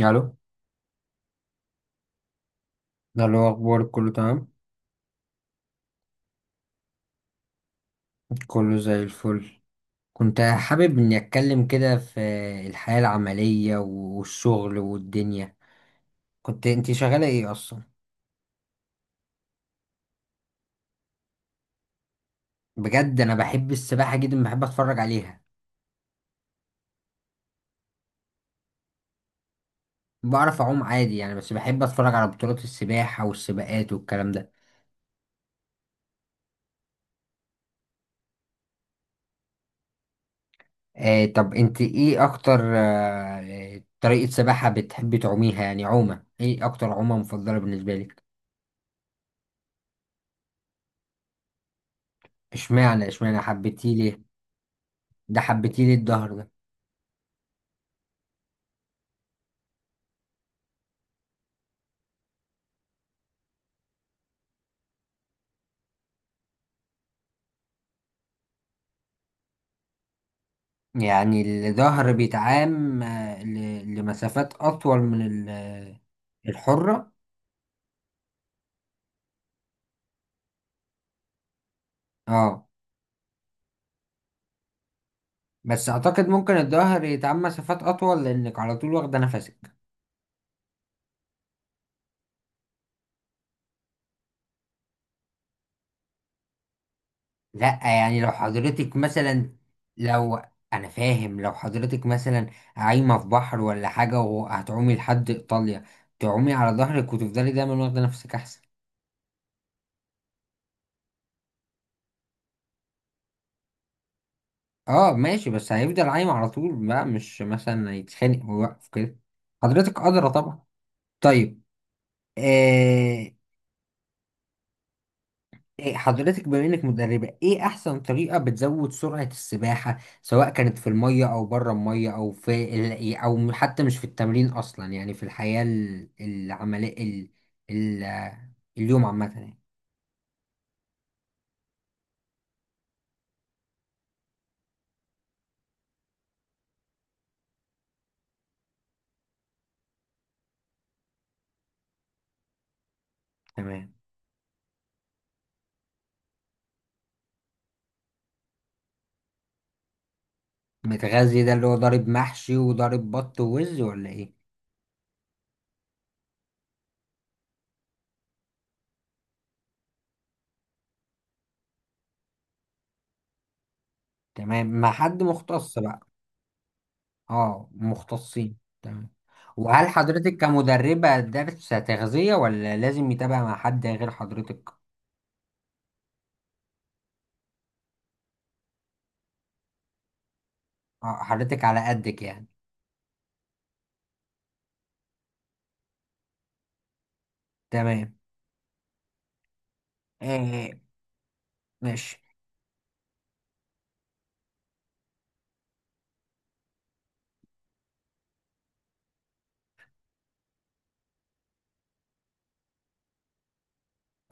الو. ده اللي هو اخبارك، كله تمام؟ كله زي الفل. كنت حابب اني اتكلم كده في الحياة العملية والشغل والدنيا. كنت انت شغالة ايه اصلا؟ بجد انا بحب السباحة جدا، بحب اتفرج عليها. بعرف اعوم عادي يعني، بس بحب اتفرج على بطولات السباحة والسباقات والكلام ده. طب انت ايه اكتر طريقة سباحة بتحبي تعوميها؟ يعني عومة ايه اكتر، عومة مفضلة بالنسبة لك؟ اشمعنى حبيتيه ليه؟ حبيتيه ليه الظهر؟ يعني الظهر بيتعام، لمسافات أطول من الحرة. اه. بس أعتقد ممكن الظهر يتعام مسافات أطول لأنك على طول واخدة نفسك. لأ يعني لو حضرتك مثلا. لو أنا فاهم، لو حضرتك مثلا عايمة في بحر ولا حاجة وهتعومي لحد إيطاليا، تعومي على ظهرك وتفضلي دايما واخدة نفسك أحسن. اه ماشي، بس هيفضل عايم على طول بقى، مش مثلا هيتخانق ويوقف كده. حضرتك قادرة طبعا. طيب. آه، إيه حضرتك بما انك مدربة، ايه احسن طريقة بتزود سرعة السباحة، سواء كانت في المية او بره المية او في او حتى مش في التمرين اصلا، يعني في الحياة العملية، ال... اليوم عامة يعني. تمام. متغذي ده اللي هو ضارب محشي وضارب بط ووز ولا ايه؟ تمام، مع حد مختص بقى. اه، مختصين، تمام. وهل حضرتك كمدربة درس تغذية ولا لازم يتابع مع حد غير حضرتك؟ حضرتك على قدك يعني. تمام. آه ماشي.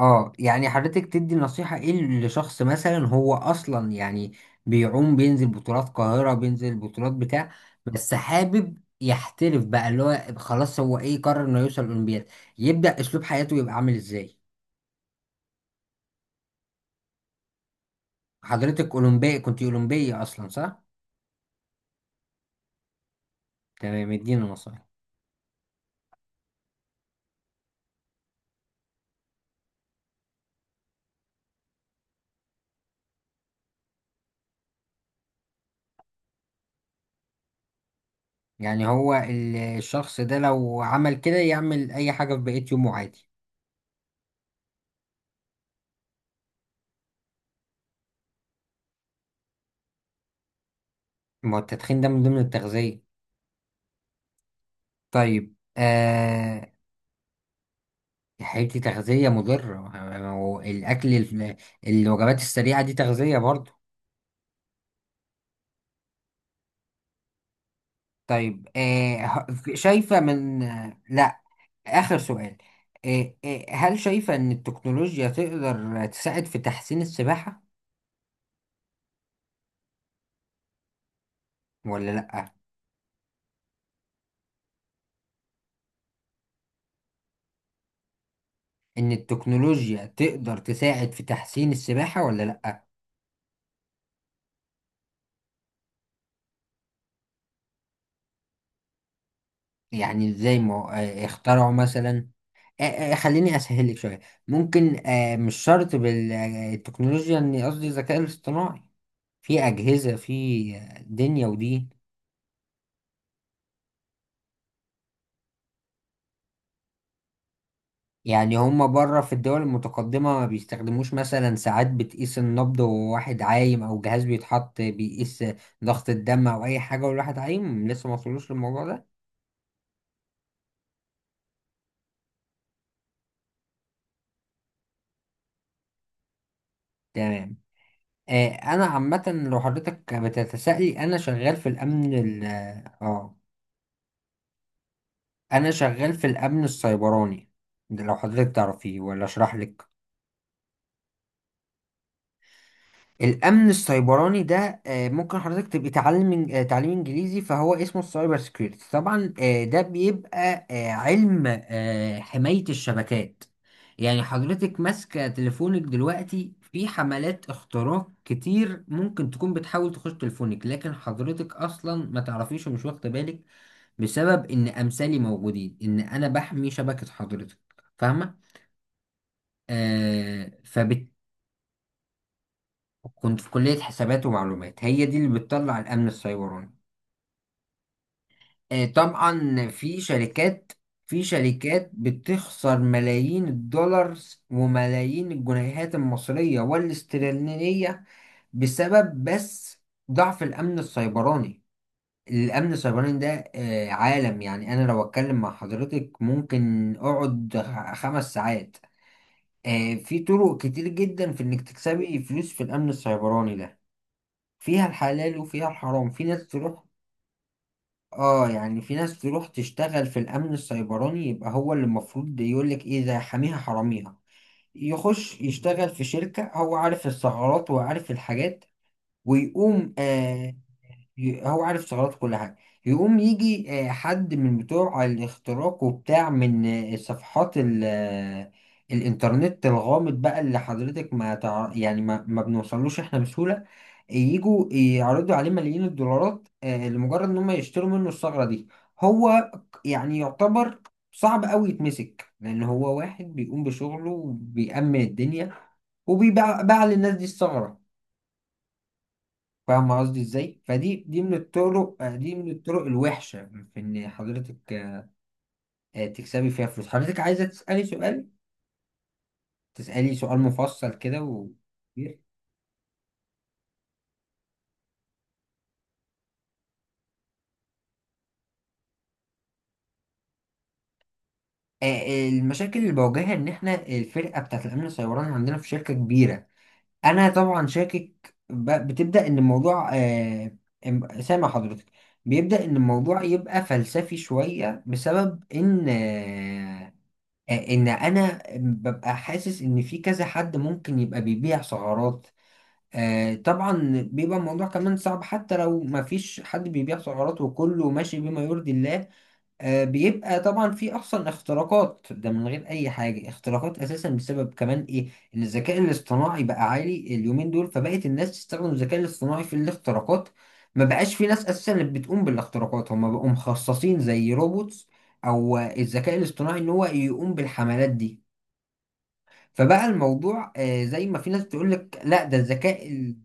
اه، يعني حضرتك تدي نصيحة ايه لشخص مثلا، هو اصلا يعني بيعوم، بينزل بطولات قاهرة، بينزل بطولات بتاع، بس حابب يحترف بقى، اللي هو خلاص هو ايه، قرر انه يوصل اولمبياد، يبدأ اسلوب حياته يبقى عامل ازاي؟ حضرتك اولمبي، كنت اولمبية اصلا، صح؟ تمام، ادينا نصيحة. يعني هو الشخص ده لو عمل كده يعمل اي حاجة في بقية يومه عادي؟ ما هو التدخين ده من ضمن التغذية؟ طيب آه. حياتي تغذية مضرة؟ ما هو الأكل الوجبات السريعة دي تغذية برضو. طيب شايفة من لا. آخر سؤال. هل شايفة إن التكنولوجيا تقدر تساعد في تحسين السباحة ولا لأ؟ إن التكنولوجيا تقدر تساعد في تحسين السباحة ولا لأ؟ يعني إزاي، ما اخترعوا مثلا. خليني اسهل لك شويه. ممكن مش شرط بالتكنولوجيا، اني قصدي الذكاء الاصطناعي. في اجهزه في دنيا ودين. يعني هما بره في الدول المتقدمه ما بيستخدموش مثلا ساعات بتقيس النبض وهو واحد عايم، او جهاز بيتحط بيقيس ضغط الدم او اي حاجه والواحد عايم، لسه ما وصلوش للموضوع ده؟ تمام. انا عامه لو حضرتك بتتسائلي، انا شغال في الامن اه انا شغال في الامن السيبراني. ده لو حضرتك تعرفيه ولا اشرح لك؟ الامن السيبراني ده ممكن حضرتك تبقي تعلم تعليم انجليزي، فهو اسمه السايبر سكيورتي طبعا. ده بيبقى علم حماية الشبكات. يعني حضرتك ماسكة تليفونك دلوقتي، في حملات اختراق كتير ممكن تكون بتحاول تخش تليفونك لكن حضرتك اصلا ما تعرفيش ومش واخدة بالك، بسبب ان امثالي موجودين، ان انا بحمي شبكة حضرتك. فاهمة؟ آه فبت... كنت في كلية حسابات ومعلومات، هي دي اللي بتطلع الأمن السيبراني. آه طبعا في شركات، في شركات بتخسر ملايين الدولار وملايين الجنيهات المصرية والاسترلينية بسبب بس ضعف الأمن السيبراني. الأمن السيبراني ده آه عالم. يعني أنا لو أتكلم مع حضرتك ممكن أقعد خمس ساعات. في طرق كتير جدا في إنك تكسبي فلوس في الأمن السيبراني ده. فيها الحلال وفيها الحرام، في ناس تروح. اه يعني في ناس تروح تشتغل في الأمن السيبراني يبقى هو اللي المفروض يقولك ايه، ده حاميها حراميها. يخش يشتغل في شركة، هو عارف الثغرات وعارف الحاجات، ويقوم هو عارف ثغرات كل حاجة. يقوم يجي حد من بتوع الاختراق وبتاع من صفحات ال آه، الإنترنت الغامض بقى اللي حضرتك ما يعني ما بنوصلوش إحنا بسهولة. يجوا يعرضوا عليه ملايين الدولارات لمجرد إن هم يشتروا منه الثغرة دي. هو يعني يعتبر صعب أوي يتمسك، لأن هو واحد بيقوم بشغله وبيأمن الدنيا وبيباع باع للناس دي الثغرة. فاهم قصدي ازاي؟ فدي من الطرق، دي من الطرق الوحشه في ان حضرتك تكسبي فيها فلوس. حضرتك عايزه تسالي سؤال، مفصل كده و... المشاكل اللي بواجهها ان احنا الفرقه بتاعت الامن السيبراني عندنا في شركه كبيره. انا طبعا شاكك بتبدا ان الموضوع سامع حضرتك. بيبدا ان الموضوع يبقى فلسفي شويه بسبب ان ان انا ببقى حاسس ان في كذا حد ممكن يبقى بيبيع سعرات. طبعا بيبقى الموضوع كمان صعب حتى لو ما فيش حد بيبيع سعرات، وكله ماشي بما يرضي الله. بيبقى طبعا في اصلا اختراقات، ده من غير اي حاجه، اختراقات اساسا بسبب كمان ايه؟ ان الذكاء الاصطناعي بقى عالي اليومين دول، فبقت الناس تستخدم الذكاء الاصطناعي في الاختراقات. ما بقاش في ناس اساسا اللي بتقوم بالاختراقات، هم بقوا مخصصين زي روبوتس او الذكاء الاصطناعي، ان هو يقوم بالحملات دي. فبقى الموضوع زي ما في ناس تقول لك لا ده الذكاء ال-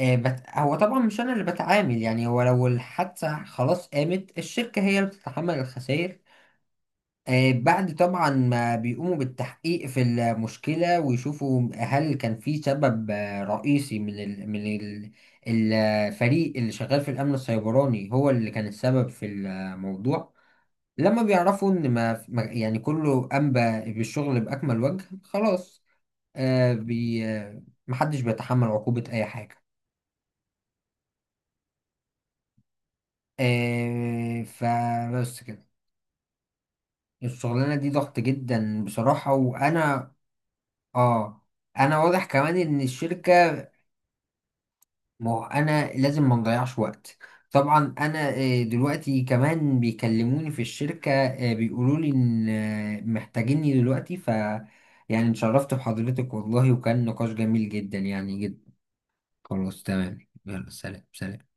آه، بت... هو طبعا مش انا اللي بتعامل. يعني هو لو الحادثه خلاص قامت، الشركه هي اللي بتتحمل الخسائر. بعد طبعا ما بيقوموا بالتحقيق في المشكلة ويشوفوا هل كان في سبب رئيسي من ال من ال الفريق اللي شغال في الأمن السيبراني، هو اللي كان السبب في الموضوع. لما بيعرفوا إن يعني كله قام بالشغل بأكمل وجه، خلاص. آه، بي آه، محدش بيتحمل عقوبة أي حاجة. فبس كده. الشغلانة دي ضغط جدا بصراحة. وأنا آه انا واضح كمان ان الشركة. ما هو انا لازم ما نضيعش وقت. طبعا انا دلوقتي كمان بيكلموني في الشركة، بيقولوا لي ان محتاجيني دلوقتي. يعني اتشرفت بحضرتك والله، وكان نقاش جميل جدا يعني، جدا. خلاص تمام. يلا سلام سلام.